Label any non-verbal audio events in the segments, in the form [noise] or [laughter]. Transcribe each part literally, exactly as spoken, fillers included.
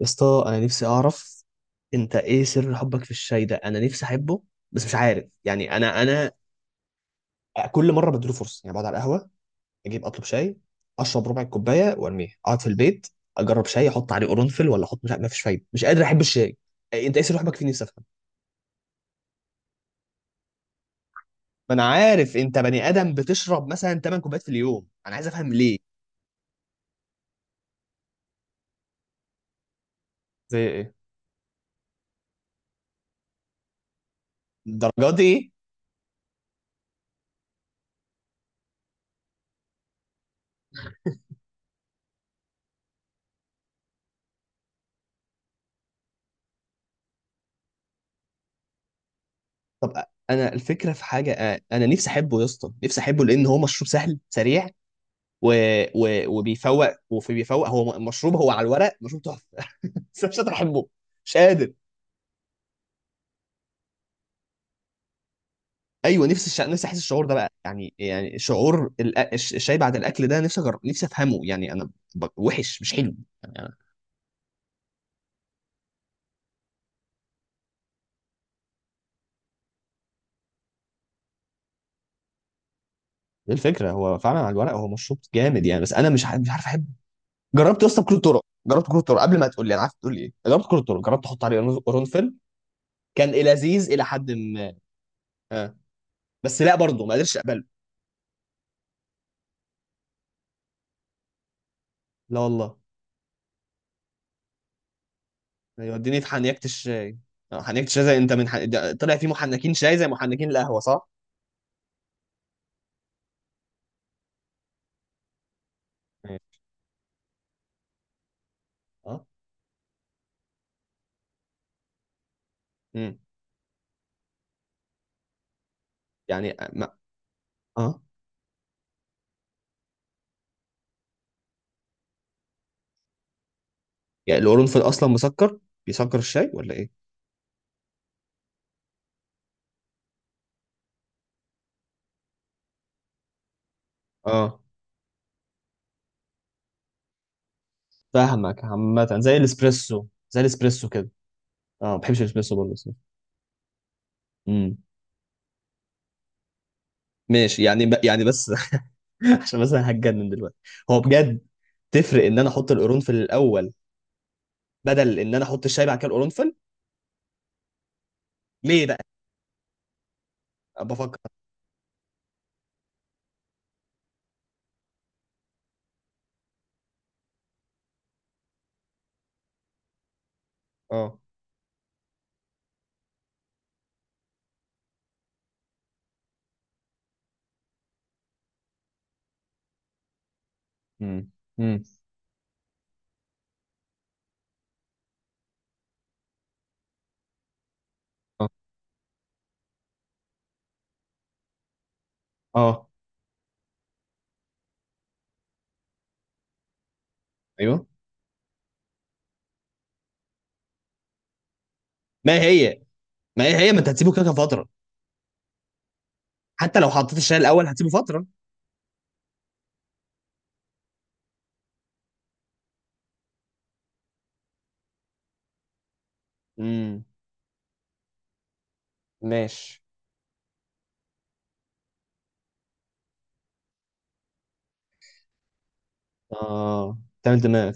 يا اسطى انا نفسي اعرف. انت ايه سر حبك في الشاي ده؟ انا نفسي احبه، بس مش عارف، يعني انا انا كل مره بديله فرصه، يعني بقعد على القهوه، اجيب اطلب شاي، اشرب ربع الكوبايه وارميه، اقعد في البيت، اجرب شاي احط عليه قرنفل ولا احط، مش عارف، مفيش فايده، مش قادر احب الشاي. إيه؟ انت ايه سر حبك فيه؟ نفسي افهم. ما انا عارف انت بني ادم بتشرب مثلا 8 كوبايات في اليوم، انا عايز افهم ليه. زي ايه؟ الدرجه دي ايه؟ طب، انا الفكره في حاجه، انا نفسي احبه يا اسطى، نفسي احبه، لان هو مشروب سهل سريع و... و... وبيفوق، وفي بيفوق، هو م- مشروب، هو على الورق مشروب تحفه [laughs] بس أنا مش قادر احبه. مش قادر. ايوه، نفسي الش... نفسي احس الشعور ده بقى، يعني يعني شعور ال... الش- الشاي بعد الاكل ده، نفسي أجر... نفسي افهمه، يعني انا ب... وحش، مش حلو. يعني أنا- دي الفكره، هو فعلا على الورق هو مشروب جامد يعني، بس انا مش ع- مش عارف احبه. جربت يا اسطى بكل الطرق، جربت كل الطرق، قبل ما تقول لي انا عارف تقول لي ايه، جربت كل الطرق، جربت احط عليه قرن- قرنفل، كان لذيذ الى حد ما. آه. بس لا برضه ما قدرتش اقبله. لا والله. يوديني في حنيكة الشاي. آه، حنيكة الشاي، زي انت من حن... ده طلع في محنكين شاي زي محنكين القهوة صح؟ مم. اه. امم. يعني آه، ما... اه، يعني القرنفل اصلا مسكر، بيسكر الشاي ولا ايه؟ اه، فاهمك، عامة زي الاسبريسو، زي الاسبريسو كده. اه، ما بحبش الاسبريسو برضه الصراحة. امم. ماشي، يعني ب... يعني بس [laughs] عشان بس انا هتجنن دلوقتي. هو بجد تفرق ان انا احط القرنفل الاول بدل ان انا احط الشاي بعد كده القرنفل؟ ليه بقى؟ أنا بفكر. اه. امم. امم. اه. آه. ايوه. ما هي، ما هي هي ما انت هتسيبه كده كده فتره. حتى لو حطيت الشاي الاول هتسيبه فتره. امم. ماشي. اه، تعمل دماغ.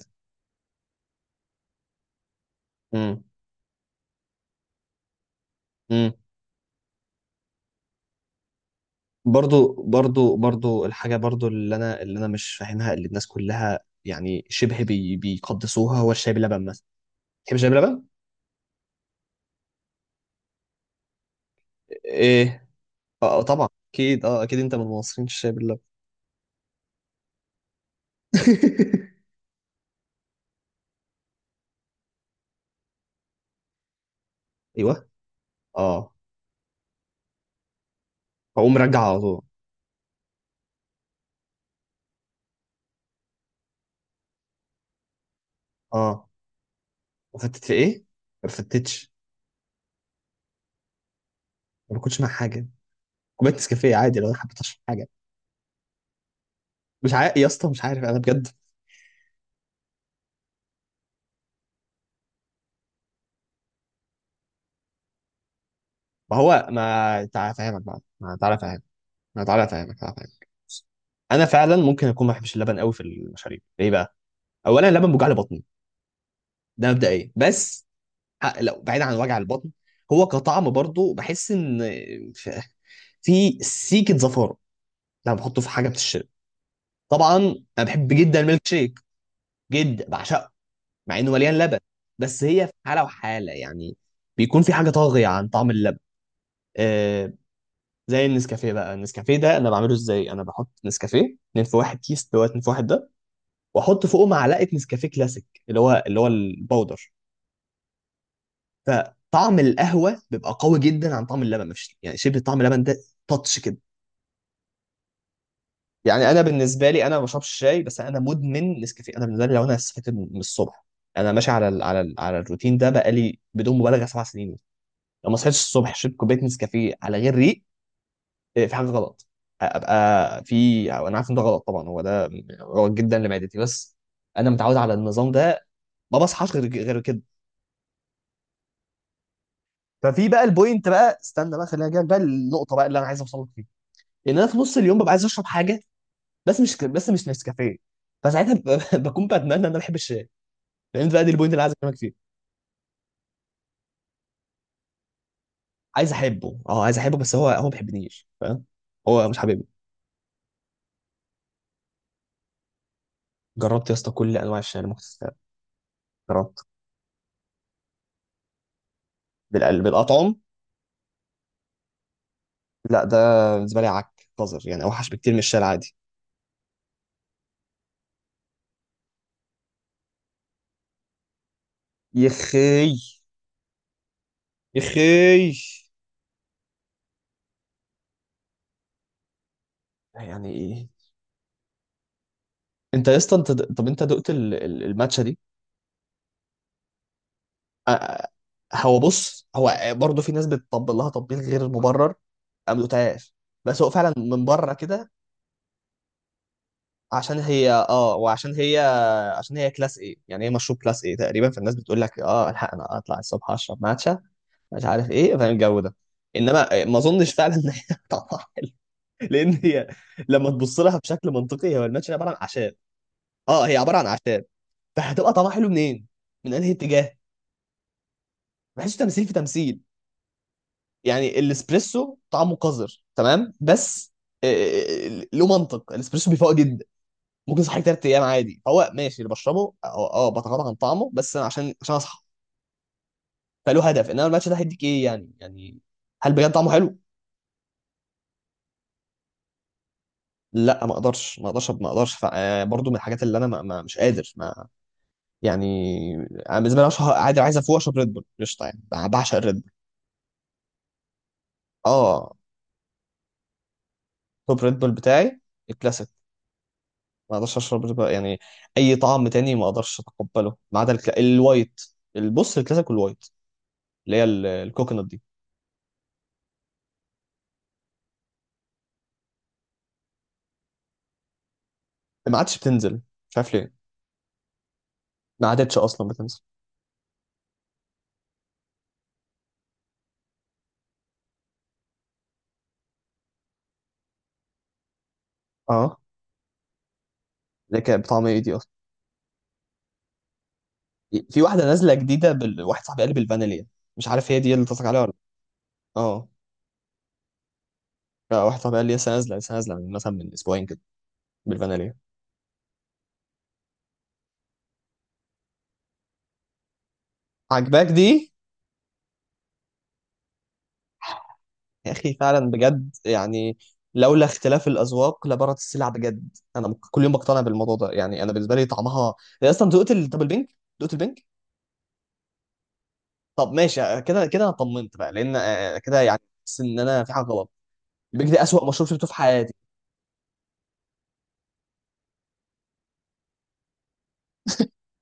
امم. امم. برضو برضو برضو الحاجه برضو اللي انا اللي انا مش فاهمها، اللي الناس كلها يعني شبه بي بيقدسوها، هو الشاي باللبن مثلا. تحب الشاي باللبن؟ ايه، اه طبعا، اكيد اه، اكيد انت من مصرين الشاي باللبن. [laughs] ايوه. اه. اقوم راجع على طول. اه، وفتت في ايه؟ ما فتتش، ما باكلش مع حاجه، كوبايه نسكافيه عادي لو انا حبيت اشرب حاجه. مش عارف يا اسطى، مش عارف انا بجد. ما هو، ما تعالى افهمك بقى، ما تعالى افهمك ما تعالى افهمك تعالى افهمك. انا فعلا ممكن اكون ما بحبش اللبن قوي في المشاريب، ليه بقى؟ اولا اللبن بيوجع لي بطني، ده مبدئيا. بس ح- لو بعيد عن وجع البطن، هو كطعم برضو بحس ان في، في سيكه زفاره لما بحطه في حاجه بتشرب. طبعا انا بحب جدا الميلك شيك، جدا بعشقه، مع انه مليان لبن، بس هي في حاله وحاله يعني، بيكون في حاجه طاغيه عن طعم اللبن. آه، زي النسكافيه بقى، النسكافيه ده انا بعمله ازاي، انا بحط نسكافيه اتنين في واحد كيس، اللي هو اتنين في واحد ده، واحط فوقه معلقه نسكافيه كلاسيك اللي هو اللي هو البودر، فطعم القهوه بيبقى قوي جدا عن طعم اللبن، مفيش يعني شبه طعم اللبن ده، تاتش كده. يعني انا بالنسبه لي انا ما بشربش شاي، بس انا مدمن نسكافيه. انا بالنسبه لي لو انا صحيت من الصبح، انا ماشي على ال على ال على الروتين ده بقالي بدون مبالغه سبع سنين. لو ما صحيتش الصبح شربت كوبايه نسكافيه على غير ريق، إيه، في حاجه غلط. ابقى في، أو انا عارف ان ده غلط طبعا، هو ده غلط جدا لمعدتي، بس انا متعود على النظام ده، ما بصحاش غير غير كده. ففي بقى البوينت بقى، استنى بقى، خليني اجيلك بقى النقطه بقى اللي انا عايز اوصل لك فيها. ان انا في نص اليوم ببقى عايز اشرب حاجه، بس مش بس مش نسكافيه. فساعتها ب- [laughs] بكون بتمنى ان انا بحب الشاي، لان بقى دي البوينت اللي عايز اكلمك فيه. عايز احبه، اه عايز احبه، بس هو هو ما بيحبنيش، فاهم؟ هو مش حبيبي. جربت يا اسطى كل انواع الشاي اللي ممكن تتخيلها. جربت بالقلب بالاطعم. لا، ده بالنسبه لي عك، قذر يعني، اوحش بكتير من الشاي العادي. يخي. يخي. يعني ايه؟ انت يا اسطى انت د- طب انت دقت ال- ال- الماتشه دي؟ آ- آ- هو بص، هو برضه في ناس بتطبل لها تطبيل غير مبرر. انا ما دقتهاش، بس هو فعلا من بره كده عشان هي اه، وعشان هي عشان هي كلاس ايه يعني، هي مشروب كلاس ايه تقريبا، فالناس بتقول لك اه الحق انا اطلع الصبح اشرب ماتشا، مش عارف ايه، فاهم الجو ده. انما ما اظنش فعلا ان هي [laughs] طبعا [laughs] لان هي لما تبص لها بشكل منطقي، هو الماتش عباره عن اعشاب. اه، هي عباره عن اعشاب، فهتبقى طعمها حلو منين؟ من انهي اتجاه؟ بحسه تمثيل في تمثيل. يعني الاسبريسو طعمه قذر تمام، بس آه، آه، له منطق، الاسبريسو بيفوق جدا، ممكن اصحى ثلاث ايام عادي، هو ماشي اللي بشربه اه، آه، بتغاضى عن طعمه بس أنا عشان عشان اصحى، فله هدف. انما الماتش ده هيديك ايه يعني؟ يعني هل بجد طعمه حلو؟ لا، ما اقدرش ما اقدرش ما اقدرش. ف- آه، برضو من الحاجات اللي انا ما ما- مش قادر ما يعني. انا بالنسبه لي اشهر عادي عايز افوق اشرب ريد بول قشطه، يعني أنا بعشق الريد بول. اه، توب ريد بول بتاعي الكلاسيك. ما اقدرش اشرب ريد بول يعني اي طعم تاني، ما اقدرش اتقبله، ما عدا الكلا- الوايت. البص الكلاسيك والوايت، اللي هي ال- الكوكونات دي، ما عادش بتنزل، مش عارف ليه، ما عادتش اصلا بتنزل. اه، اللي كانت بطعم ايه دي اصلا؟ في واحده نازله جديده بال... واحد صاحبي قال لي بالفانيليا، مش عارف هي دي اللي قصدك عليها ولا. اه. لا، واحد صاحبي قال لي لسه نازله، لسه نازله من مثلا من اسبوعين كده، بالفانيليا. عجباك دي؟ يا اخي فعلا بجد يعني، لولا اختلاف الاذواق لبارت السلع. بجد انا مك- كل يوم بقتنع بالموضوع ده. يعني انا بالنسبه لي طعمها، أنا اصلا دقت ال... طب البنك، دقت البنك. طب ماشي، آه، كده كده انا طمنت بقى، لان آه، آه، كده يعني، بس ان انا في حاجه غلط. البنك ده اسوأ مشروب شفته في حياتي.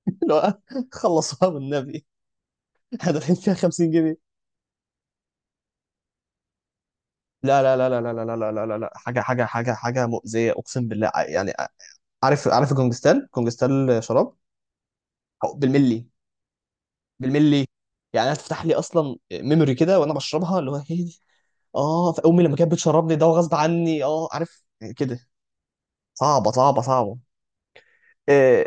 [laughs] اللي هو خلصوها بالنبي. احنا دافعين [laughs] فيها خمسين جنيه. لا لا لا لا لا لا لا لا لا لا، حاجه حاجه حاجه حاجه مؤذيه، اقسم بالله. ع- يعني آه، عارف عارف الكونجستال؟ كونجستال شراب. بالملي. بالملي. يعني انا تفتح لي اصلا ميموري كده وانا بشربها، اللي هو هي دي، اه في امي لما كانت بتشربني ده غصب عني، اه عارف كده. صعبه صعبه صعبه. آه.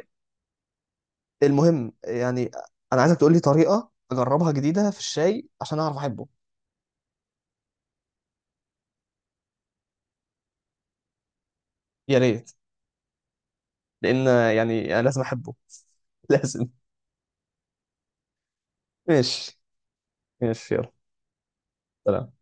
المهم يعني، انا عايزك تقول لي طريقه اجربها جديده في الشاي عشان اعرف احبه. يا ريت، لان يعني انا لازم احبه [laughs] لازم. ماشي. ماشي يلا. سلام.